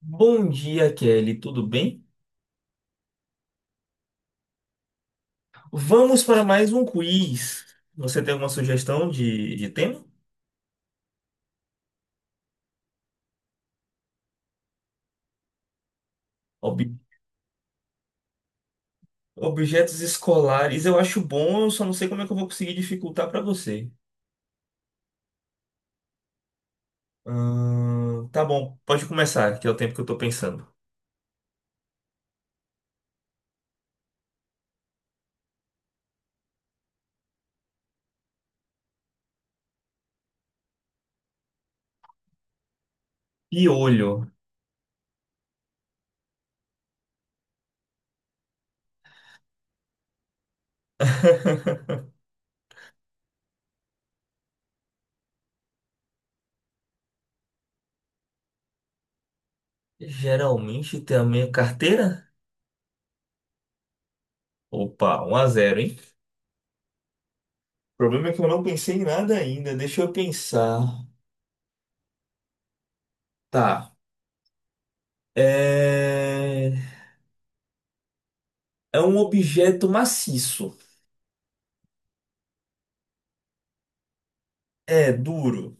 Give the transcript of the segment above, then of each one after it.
Bom dia, Kelly. Tudo bem? Vamos para mais um quiz. Você tem alguma sugestão de tema? Ob- Objetos escolares. Eu acho bom, eu só não sei como é que eu vou conseguir dificultar para você. Tá bom, pode começar, que é o tempo que eu tô pensando. Piolho. Geralmente tem a minha carteira? Opa, 1 a 0, hein? O problema é que eu não pensei em nada ainda. Deixa eu pensar. Tá. É, É um objeto maciço. É duro.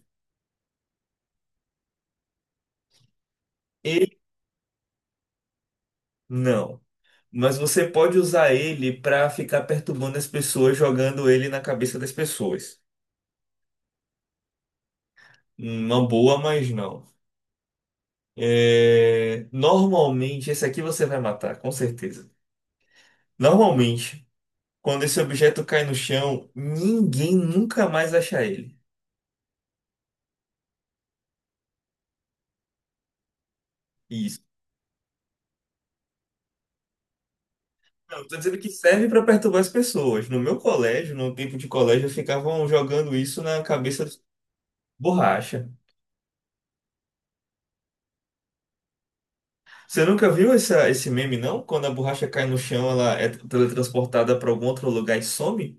Ele não. Mas você pode usar ele pra ficar perturbando as pessoas, jogando ele na cabeça das pessoas. Uma boa, mas não. É, normalmente, esse aqui você vai matar, com certeza. Normalmente, quando esse objeto cai no chão, ninguém nunca mais acha ele. Isso. Não, eu tô dizendo que serve pra perturbar as pessoas. No meu colégio, no tempo de colégio, ficavam jogando isso na cabeça dos borracha. Você nunca viu essa, esse meme, não? Quando a borracha cai no chão, ela é teletransportada para algum outro lugar e some?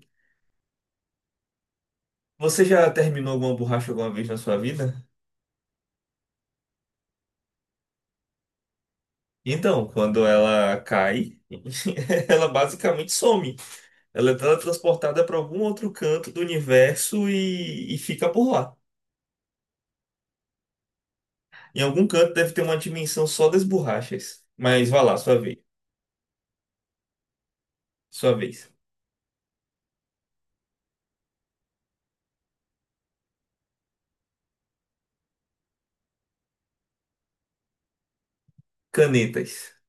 Você já terminou alguma borracha alguma vez na sua vida? Então, quando ela cai, ela basicamente some. Ela é teletransportada para algum outro canto do universo e fica por lá. Em algum canto deve ter uma dimensão só das borrachas. Mas vá lá, sua vez. Sua vez. Canetas.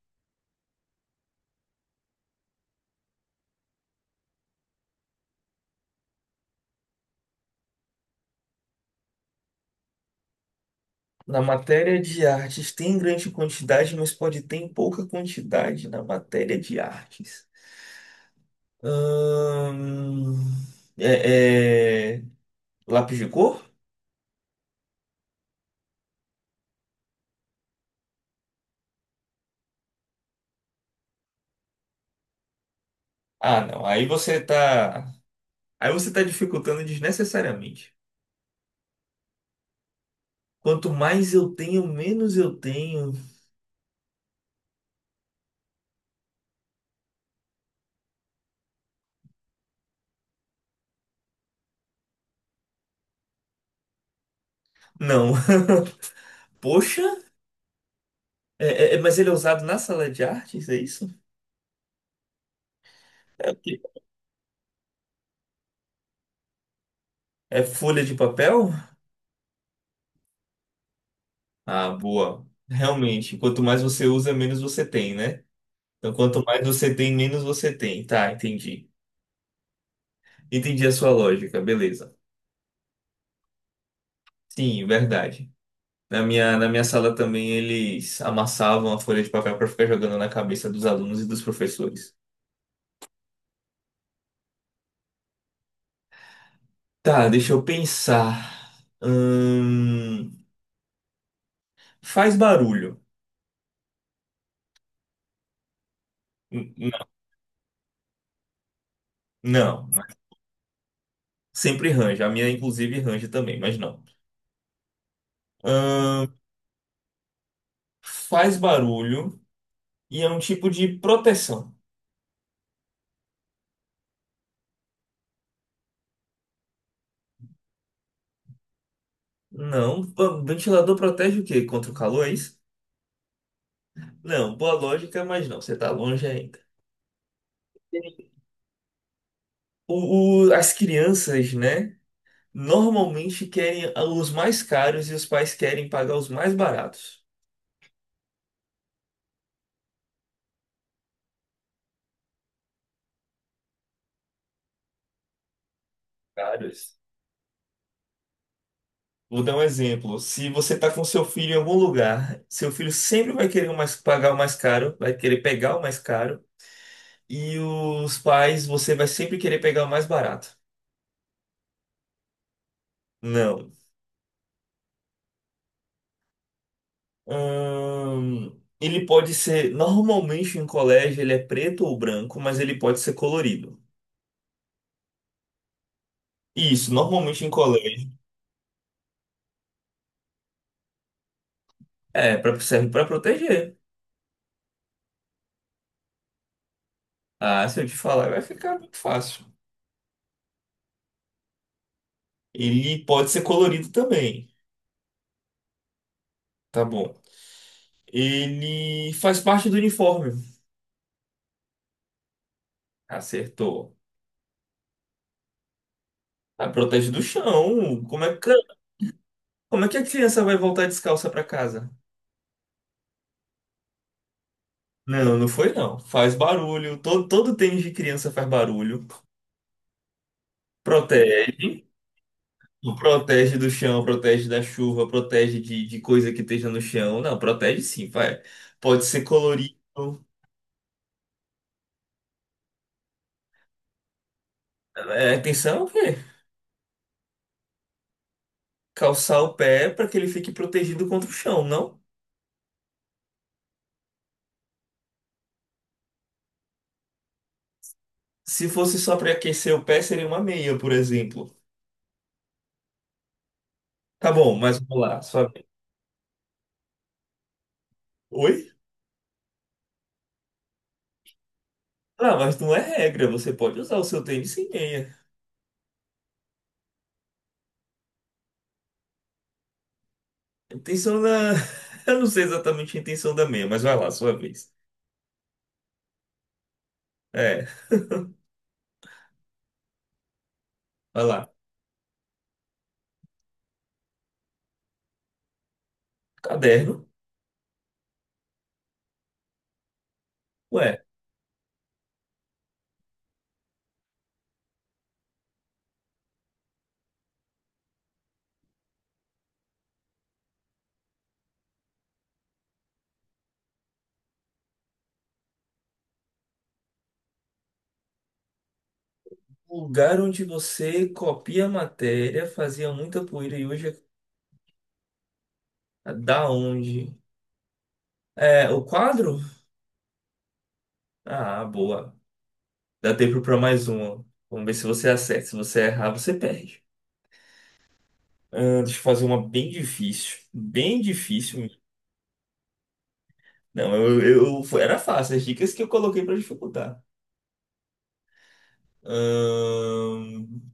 Na matéria de artes tem grande quantidade, mas pode ter em pouca quantidade na matéria de artes. Hum, é, é, Lápis de cor? Ah, não. Aí você tá dificultando desnecessariamente. Quanto mais eu tenho, menos eu tenho. Não. Poxa, mas ele é usado na sala de artes, é isso? O quê? É folha de papel? Ah, boa. Realmente, quanto mais você usa, menos você tem, né? Então, quanto mais você tem, menos você tem. Tá, entendi. Entendi a sua lógica, beleza. Sim, verdade. Na minha sala também eles amassavam a folha de papel para ficar jogando na cabeça dos alunos e dos professores. Tá, deixa eu pensar. Faz barulho. N- n- Não, sempre range. A minha, inclusive, range também, mas não. Hum, Faz barulho e é um tipo de proteção. Não, o ventilador protege o quê? Contra o calor, é isso? Não, boa lógica, mas não, você tá longe ainda. As crianças, né, normalmente querem os mais caros e os pais querem pagar os mais baratos. Caros. Vou dar um exemplo. Se você tá com seu filho em algum lugar, seu filho sempre vai querer o mais- pagar o mais caro, vai querer pegar o mais caro, e os pais, você vai sempre querer pegar o mais barato. Não. Ele pode ser, normalmente em colégio, ele é preto ou branco, mas ele pode ser colorido. Isso, normalmente em colégio. Serve para proteger. Ah, se eu te falar, vai ficar muito fácil. Ele pode ser colorido também. Tá bom. Ele faz parte do uniforme. Acertou. Ah, protege do chão. Como é que a criança vai voltar descalça pra casa? Não, não foi não. Faz barulho. Todo tênis de criança faz barulho. Protege. Protege do chão, protege da chuva, protege de coisa que esteja no chão. Não, protege sim, vai. Pode ser colorido. É, atenção, o quê? Calçar o pé para que ele fique protegido contra o chão, não? Se fosse só para aquecer o pé, seria uma meia, por exemplo. Tá bom, mas vamos lá. Oi? Ah, mas não é regra. Você pode usar o seu tênis sem meia. A intenção da. Eu não sei exatamente a intenção da meia, mas vai lá, sua vez. É, Vai lá. Caderno. Ué, o lugar onde você copia a matéria, fazia muita poeira e hoje é da onde? É, o quadro? Ah, boa. Dá tempo pra mais uma. Vamos ver se você acerta. Se você errar, você perde. Ah, deixa eu fazer uma bem difícil. Bem difícil mesmo. Não, era fácil. As dicas que eu coloquei pra dificultar. Ahn,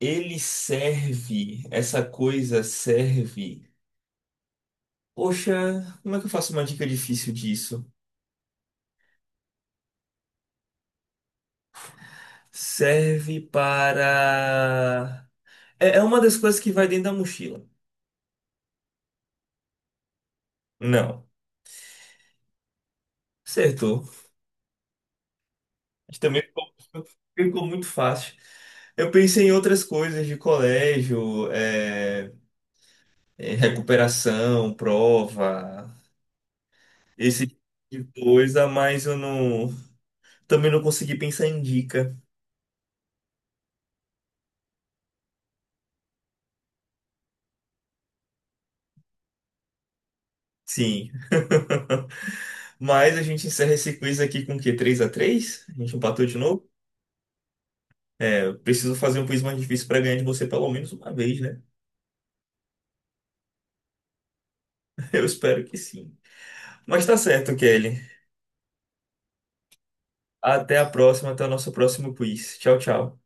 Ele serve. Essa coisa serve. Poxa, como é que eu faço uma dica difícil disso? Serve para. É uma das coisas que vai dentro da mochila. Não. Acertou. Mas também. Ficou muito fácil. Eu pensei em outras coisas de colégio, recuperação, prova, esse tipo de coisa, mas eu não, também não consegui pensar em dica. Sim. Mas a gente encerra esse quiz aqui com o quê? 3x3? A três? A gente empatou de novo? Eu preciso fazer um quiz mais difícil para ganhar de você pelo menos uma vez, né? Eu espero que sim. Mas tá certo, Kelly. Até a próxima, até o nosso próximo quiz. Tchau, tchau.